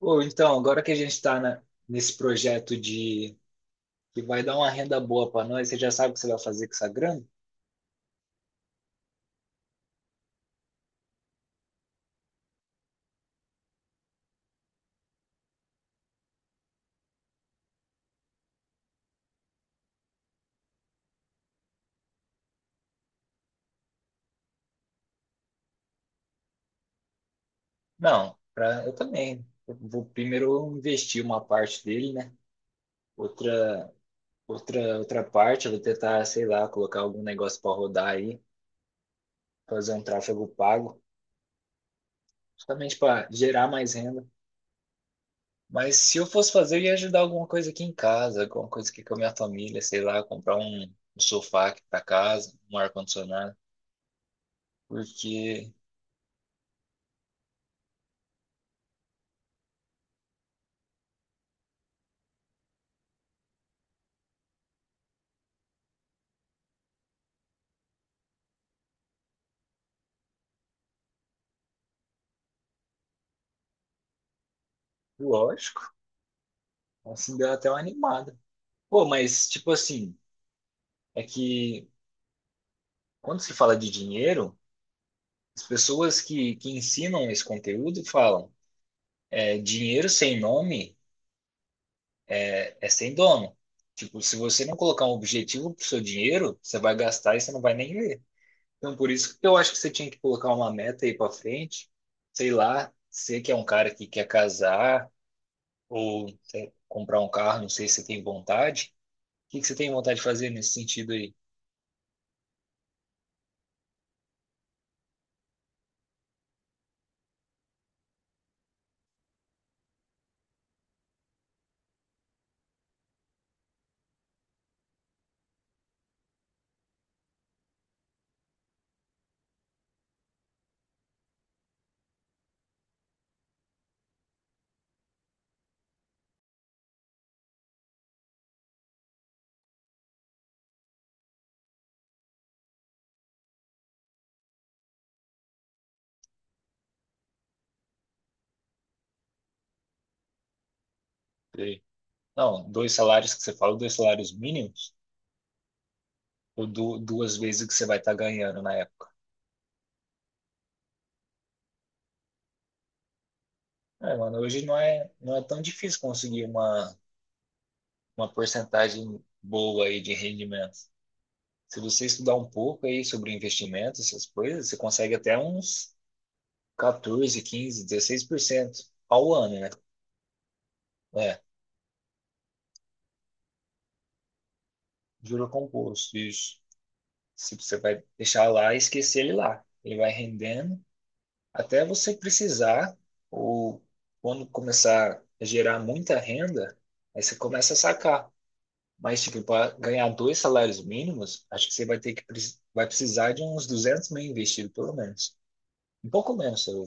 Ou então, agora que a gente está nesse projeto de que vai dar uma renda boa para nós, você já sabe o que você vai fazer com essa grana? Não, eu também. Eu vou primeiro investir uma parte dele, né? Outra, outra parte, eu vou tentar, sei lá, colocar algum negócio para rodar aí, fazer um tráfego pago, justamente para gerar mais renda. Mas se eu fosse fazer, eu ia ajudar alguma coisa aqui em casa, alguma coisa aqui com a minha família, sei lá, comprar um sofá aqui para casa, um ar-condicionado, porque. Lógico. Assim, deu até uma animada. Pô, mas, tipo assim, é que quando se fala de dinheiro, as pessoas que ensinam esse conteúdo falam, dinheiro sem nome é sem dono. Tipo, se você não colocar um objetivo pro seu dinheiro, você vai gastar e você não vai nem ver. Então, por isso que eu acho que você tinha que colocar uma meta aí pra frente, sei lá, você que é um cara que quer casar ou sei, comprar um carro, não sei se você tem vontade. O que que você tem vontade de fazer nesse sentido aí? Não, 2 salários que você fala, 2 salários mínimos, ou duas vezes o que você vai estar ganhando na época. É, mano, hoje não é tão difícil conseguir uma porcentagem boa aí de rendimento. Se você estudar um pouco aí sobre investimentos, essas coisas, você consegue até uns 14, 15, 16% ao ano, né? É, juro composto, isso. Se você vai deixar lá e esquecer ele lá. Ele vai rendendo até você precisar, ou quando começar a gerar muita renda, aí você começa a sacar. Mas, tipo, para ganhar 2 salários mínimos, acho que você vai ter que vai precisar de uns 200 mil investido, pelo menos. Um pouco menos, eu.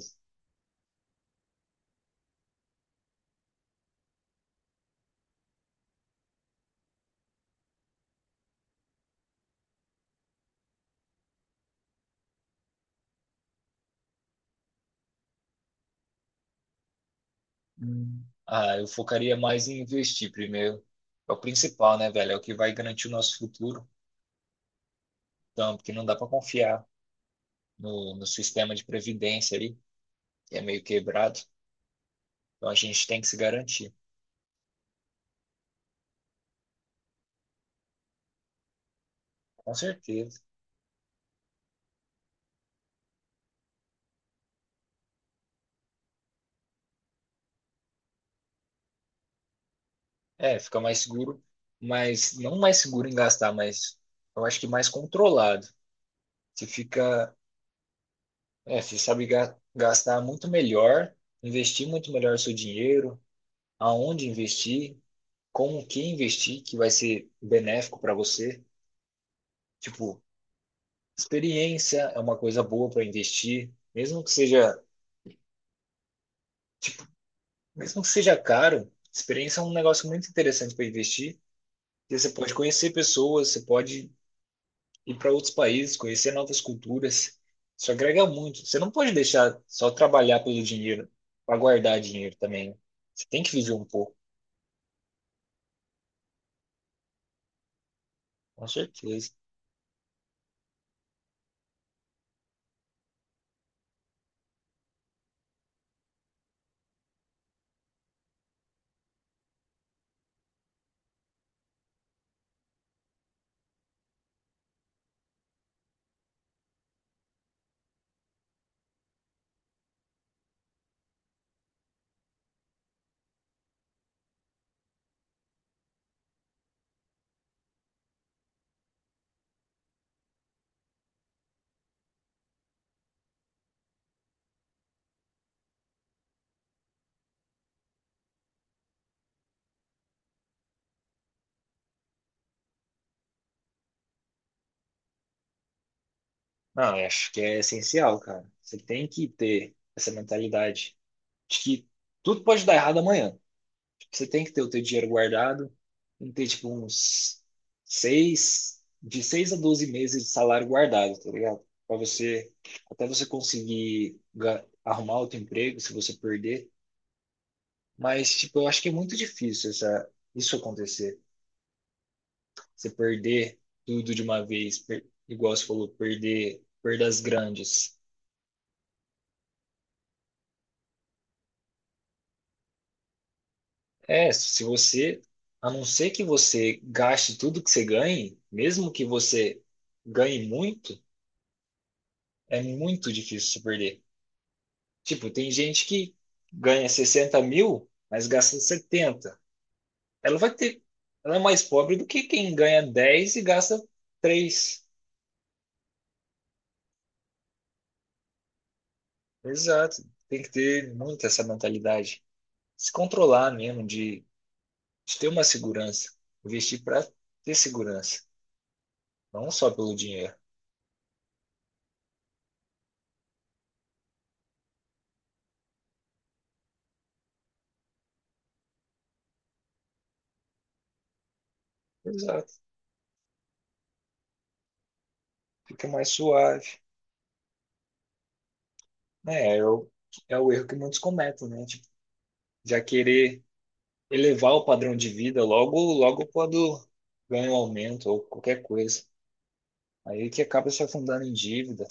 Hum. Ah, eu focaria mais em investir primeiro. É o principal, né, velho? É o que vai garantir o nosso futuro. Então, porque não dá para confiar no sistema de previdência ali, que é meio quebrado. Então, a gente tem que se garantir. Com certeza. É, fica mais seguro, mas não mais seguro em gastar, mas eu acho que mais controlado. Você fica, você sabe gastar muito melhor, investir muito melhor o seu dinheiro, aonde investir, como que investir, que vai ser benéfico para você. Tipo, experiência é uma coisa boa para investir, mesmo que seja caro, experiência é um negócio muito interessante para investir. Porque você pode conhecer pessoas, você pode ir para outros países, conhecer novas culturas. Isso agrega muito. Você não pode deixar só trabalhar pelo dinheiro, para guardar dinheiro também, né? Você tem que viver um pouco, com certeza. Não, eu acho que é essencial, cara. Você tem que ter essa mentalidade de que tudo pode dar errado amanhã. Você tem que ter o teu dinheiro guardado, tem que ter tipo de 6 a 12 meses de salário guardado, tá ligado? Para você, até você conseguir arrumar outro emprego, se você perder. Mas, tipo, eu acho que é muito difícil isso acontecer. Você perder tudo de uma vez, igual você falou, perder perdas grandes. É, se você, a não ser que você gaste tudo que você ganhe, mesmo que você ganhe muito, é muito difícil se perder. Tipo, tem gente que ganha 60 mil, mas gasta 70. Ela vai ter, ela é mais pobre do que quem ganha 10 e gasta três. Exato. Tem que ter muito essa mentalidade. Se controlar mesmo, de ter uma segurança. Investir para ter segurança. Não só pelo dinheiro. Exato. Fica mais suave. Né, é o erro que muitos cometem, né? Tipo, já querer elevar o padrão de vida logo, logo quando ganha um aumento ou qualquer coisa. Aí que acaba se afundando em dívida.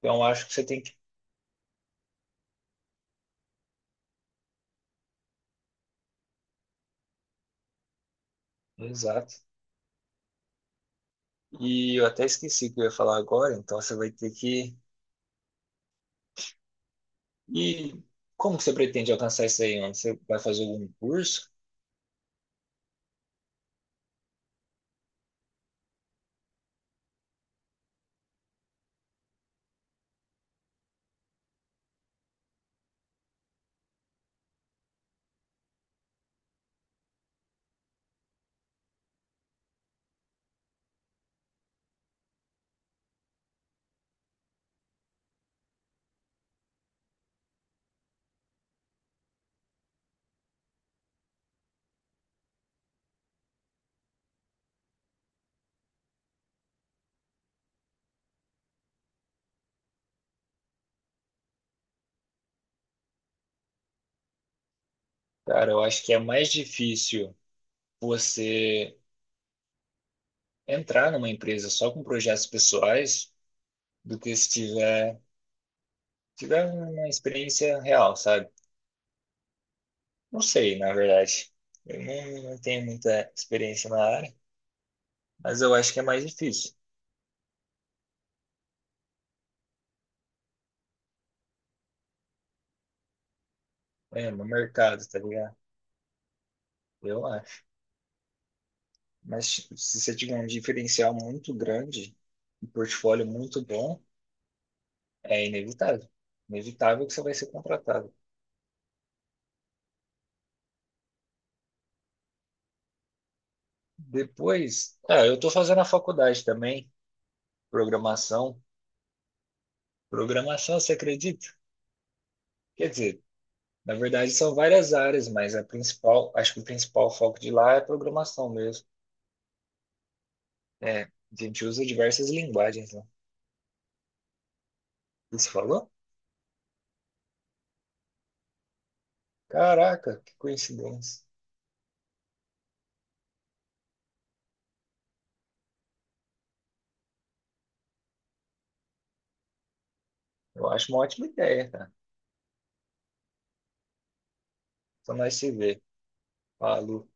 Então, acho que você tem que. Exato. E eu até esqueci o que eu ia falar agora, então você vai ter que. E como que você pretende alcançar isso aí, mano? Você vai fazer algum curso? Cara, eu acho que é mais difícil você entrar numa empresa só com projetos pessoais do que se tiver, tiver uma experiência real, sabe? Não sei, na verdade. Eu não tenho muita experiência na área, mas eu acho que é mais difícil. É, no mercado, tá ligado? Eu acho. Mas tipo, se você tiver um diferencial muito grande, um portfólio muito bom, é inevitável. Inevitável que você vai ser contratado. Depois, ah, eu estou fazendo a faculdade também, programação. Programação, você acredita? Quer dizer, na verdade são várias áreas, mas a principal, acho que o principal foco de lá é programação mesmo. É, a gente usa diversas linguagens lá. Isso falou? Caraca, que coincidência. Eu acho uma ótima ideia, cara. Só nós se ver. Falou.